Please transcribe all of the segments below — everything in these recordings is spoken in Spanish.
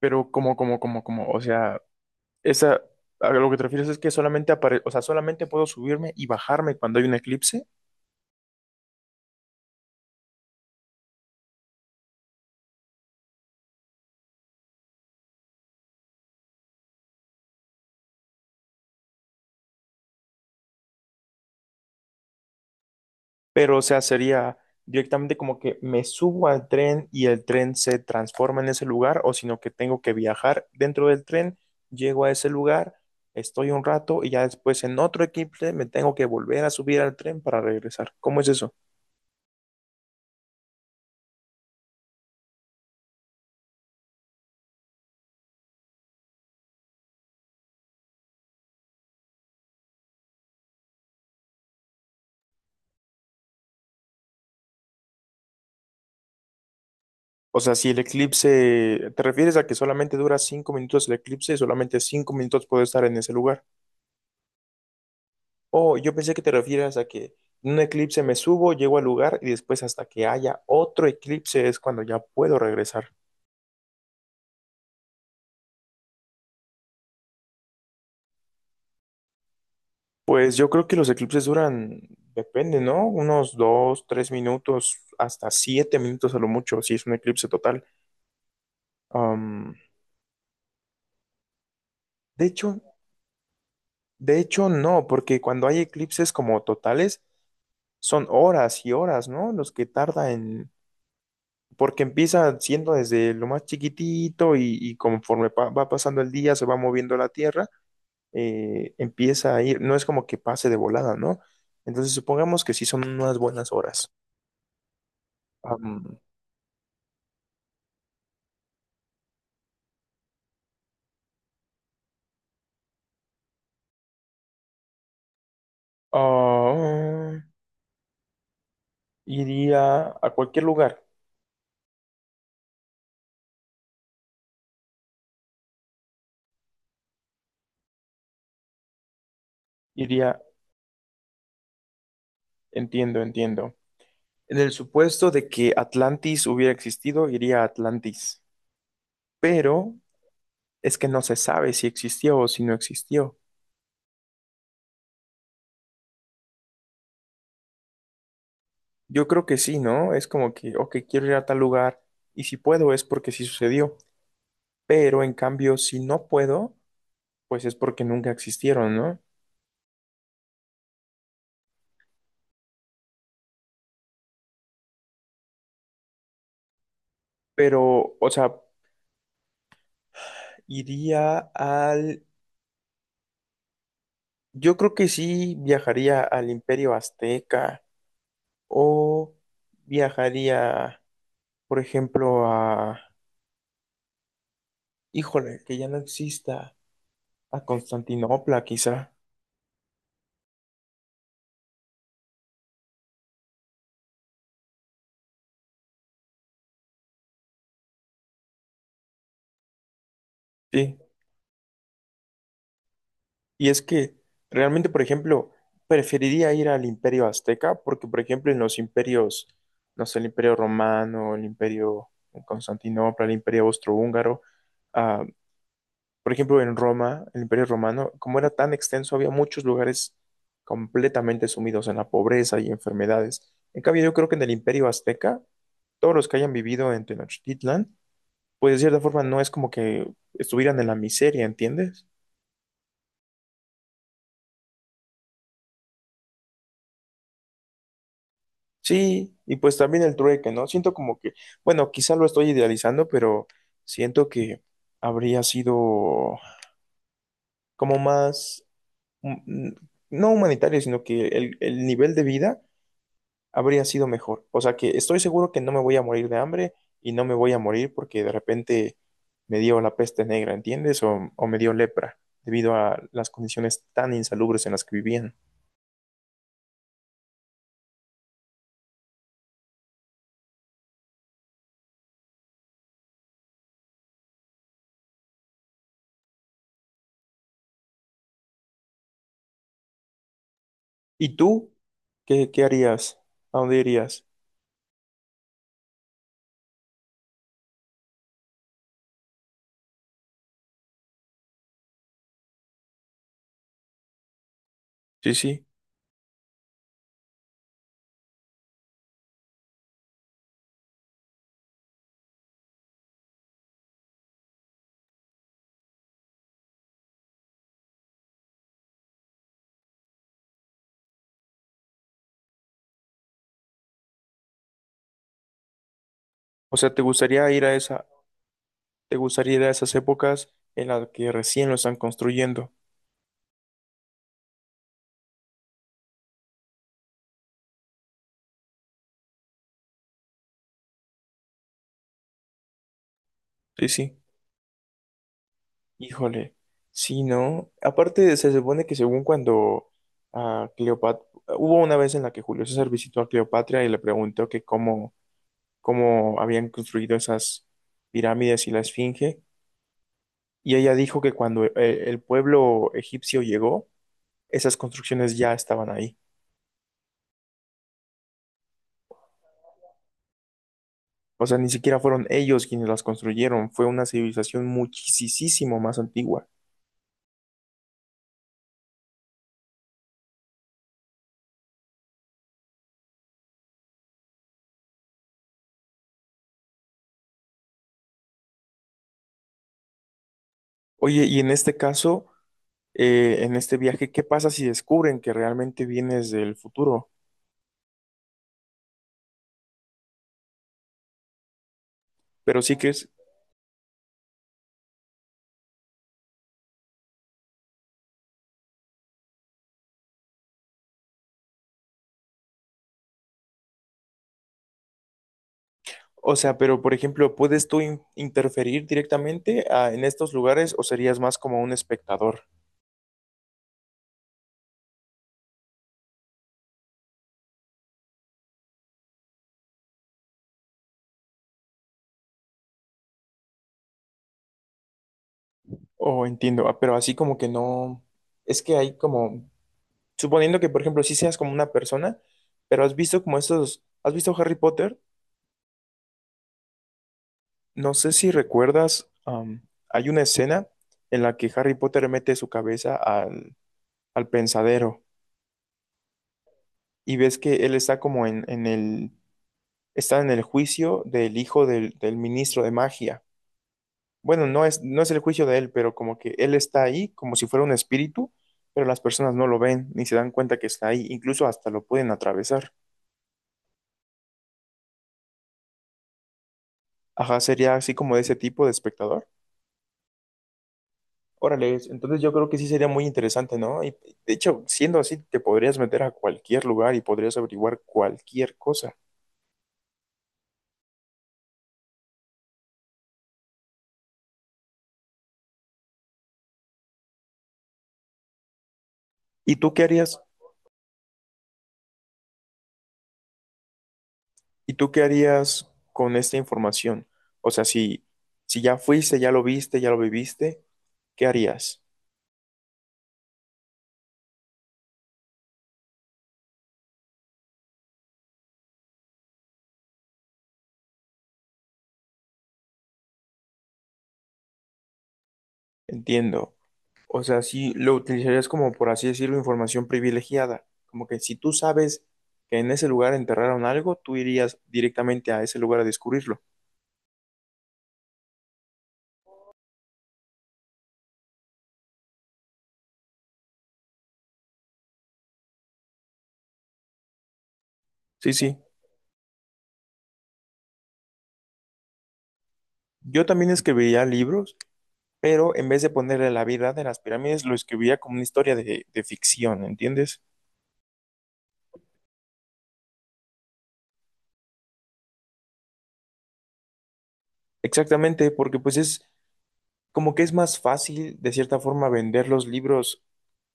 Pero como, o sea, esa, a lo que te refieres es que solamente o sea, solamente puedo subirme y bajarme cuando hay un eclipse, pero o sea, sería directamente como que me subo al tren y el tren se transforma en ese lugar, o sino que tengo que viajar dentro del tren, llego a ese lugar, estoy un rato y ya después en otro eclipse me tengo que volver a subir al tren para regresar. ¿Cómo es eso? O sea, si el eclipse, ¿te refieres a que solamente dura 5 minutos el eclipse y solamente 5 minutos puedo estar en ese lugar? Oh, yo pensé que te refieras a que en un eclipse me subo, llego al lugar y después hasta que haya otro eclipse es cuando ya puedo regresar. Pues yo creo que los eclipses duran, depende, ¿no? Unos dos, 3 minutos, hasta 7 minutos a lo mucho, si es un eclipse total. Am, de hecho, de hecho no, porque cuando hay eclipses como totales, son horas y horas, ¿no? Los que tarda en... Porque empieza siendo desde lo más chiquitito y conforme va pasando el día se va moviendo la Tierra, empieza a ir, no es como que pase de volada, ¿no? Entonces supongamos que sí son unas buenas horas. Am, ah, iría a cualquier lugar, iría, entiendo, entiendo. En el supuesto de que Atlantis hubiera existido, iría a Atlantis, pero es que no se sabe si existió o si no existió. Yo creo que sí, ¿no? Es como que, ok, quiero ir a tal lugar y si puedo es porque sí sucedió, pero en cambio, si no puedo, pues es porque nunca existieron, ¿no? Pero, o sea, iría al... Yo creo que sí viajaría al Imperio Azteca o viajaría, por ejemplo, a... Híjole, que ya no exista, a Constantinopla quizá. Sí. Y es que realmente, por ejemplo, preferiría ir al Imperio Azteca porque, por ejemplo, en los imperios, no sé, el Imperio Romano, el Imperio de Constantinopla, el Imperio Austrohúngaro. ah, Por ejemplo, en Roma, el Imperio Romano, como era tan extenso, había muchos lugares completamente sumidos en la pobreza y enfermedades. En cambio, yo creo que en el Imperio Azteca, todos los que hayan vivido en Tenochtitlan, pues de cierta forma no es como que estuvieran en la miseria, ¿entiendes? Sí, y pues también el trueque, ¿no? Siento como que, bueno, quizá lo estoy idealizando, pero siento que habría sido como más, mm, no humanitario, sino que el nivel de vida habría sido mejor. O sea que estoy seguro que no me voy a morir de hambre y no me voy a morir porque de repente me dio la peste negra, ¿entiendes? O me dio lepra debido a las condiciones tan insalubres en las que vivían. ¿Y tú? ¿Qué harías? ¿A dónde irías? Sí, sí. O sea, te gustaría ir a esas épocas en las que recién lo están construyendo? Sí, sí. Híjole, sí, ¿no? Aparte, se supone que según cuando a Cleopatra, hubo una vez en la que Julio César visitó a Cleopatra y le preguntó que cómo habían construido esas pirámides y la Esfinge, y ella dijo que cuando el pueblo egipcio llegó, esas construcciones ya estaban ahí. O sea, ni siquiera fueron ellos quienes las construyeron, fue una civilización muchísimo más antigua. Oye, y en este caso, en este viaje, ¿qué pasa si descubren que realmente vienes del futuro? Pero sí que es, o sea, pero por ejemplo, ¿puedes tú interferir directamente en estos lugares o serías más como un espectador? Oh, entiendo, pero así como que no, es que hay como, suponiendo que por ejemplo sí seas como una persona, pero has visto como estos, ¿has visto Harry Potter? No sé si recuerdas, hay una escena en la que Harry Potter mete su cabeza al, pensadero y ves que él está como está en el juicio del hijo del ministro de magia. Bueno, no es el juicio de él, pero como que él está ahí como si fuera un espíritu, pero las personas no lo ven ni se dan cuenta que está ahí, incluso hasta lo pueden atravesar. Ajá, sería así como de ese tipo de espectador. Órale, entonces yo creo que sí sería muy interesante, ¿no? Y de hecho, siendo así, te podrías meter a cualquier lugar y podrías averiguar cualquier cosa. ¿Y tú qué harías? ¿Y tú qué harías con esta información? O sea, si ya fuiste, ya lo viste, ya lo viviste, ¿qué harías? Entiendo. O sea, sí lo utilizarías como, por así decirlo, información privilegiada. Como que si tú sabes que en ese lugar enterraron algo, tú irías directamente a ese lugar a descubrirlo. Sí, sí. Yo también escribiría libros, pero en vez de ponerle la verdad de las pirámides, lo escribiría como una historia de ficción, ¿entiendes? Exactamente, porque pues es como que es más fácil, de cierta forma, vender los libros,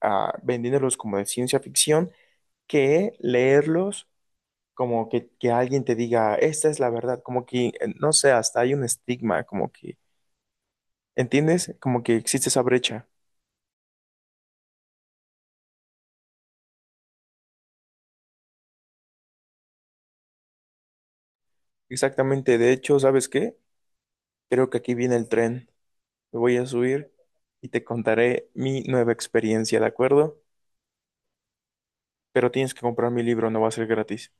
vendiéndolos como de ciencia ficción, que leerlos como que alguien te diga, esta es la verdad, como que, no sé, hasta hay un estigma, como que, ¿entiendes? Como que existe esa brecha. Exactamente, de hecho, ¿sabes qué? Creo que aquí viene el tren. Me voy a subir y te contaré mi nueva experiencia, ¿de acuerdo? Pero tienes que comprar mi libro, no va a ser gratis.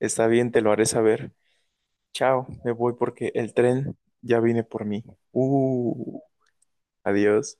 Está bien, te lo haré saber. Chao, me voy porque el tren ya viene por mí. Uh, adiós.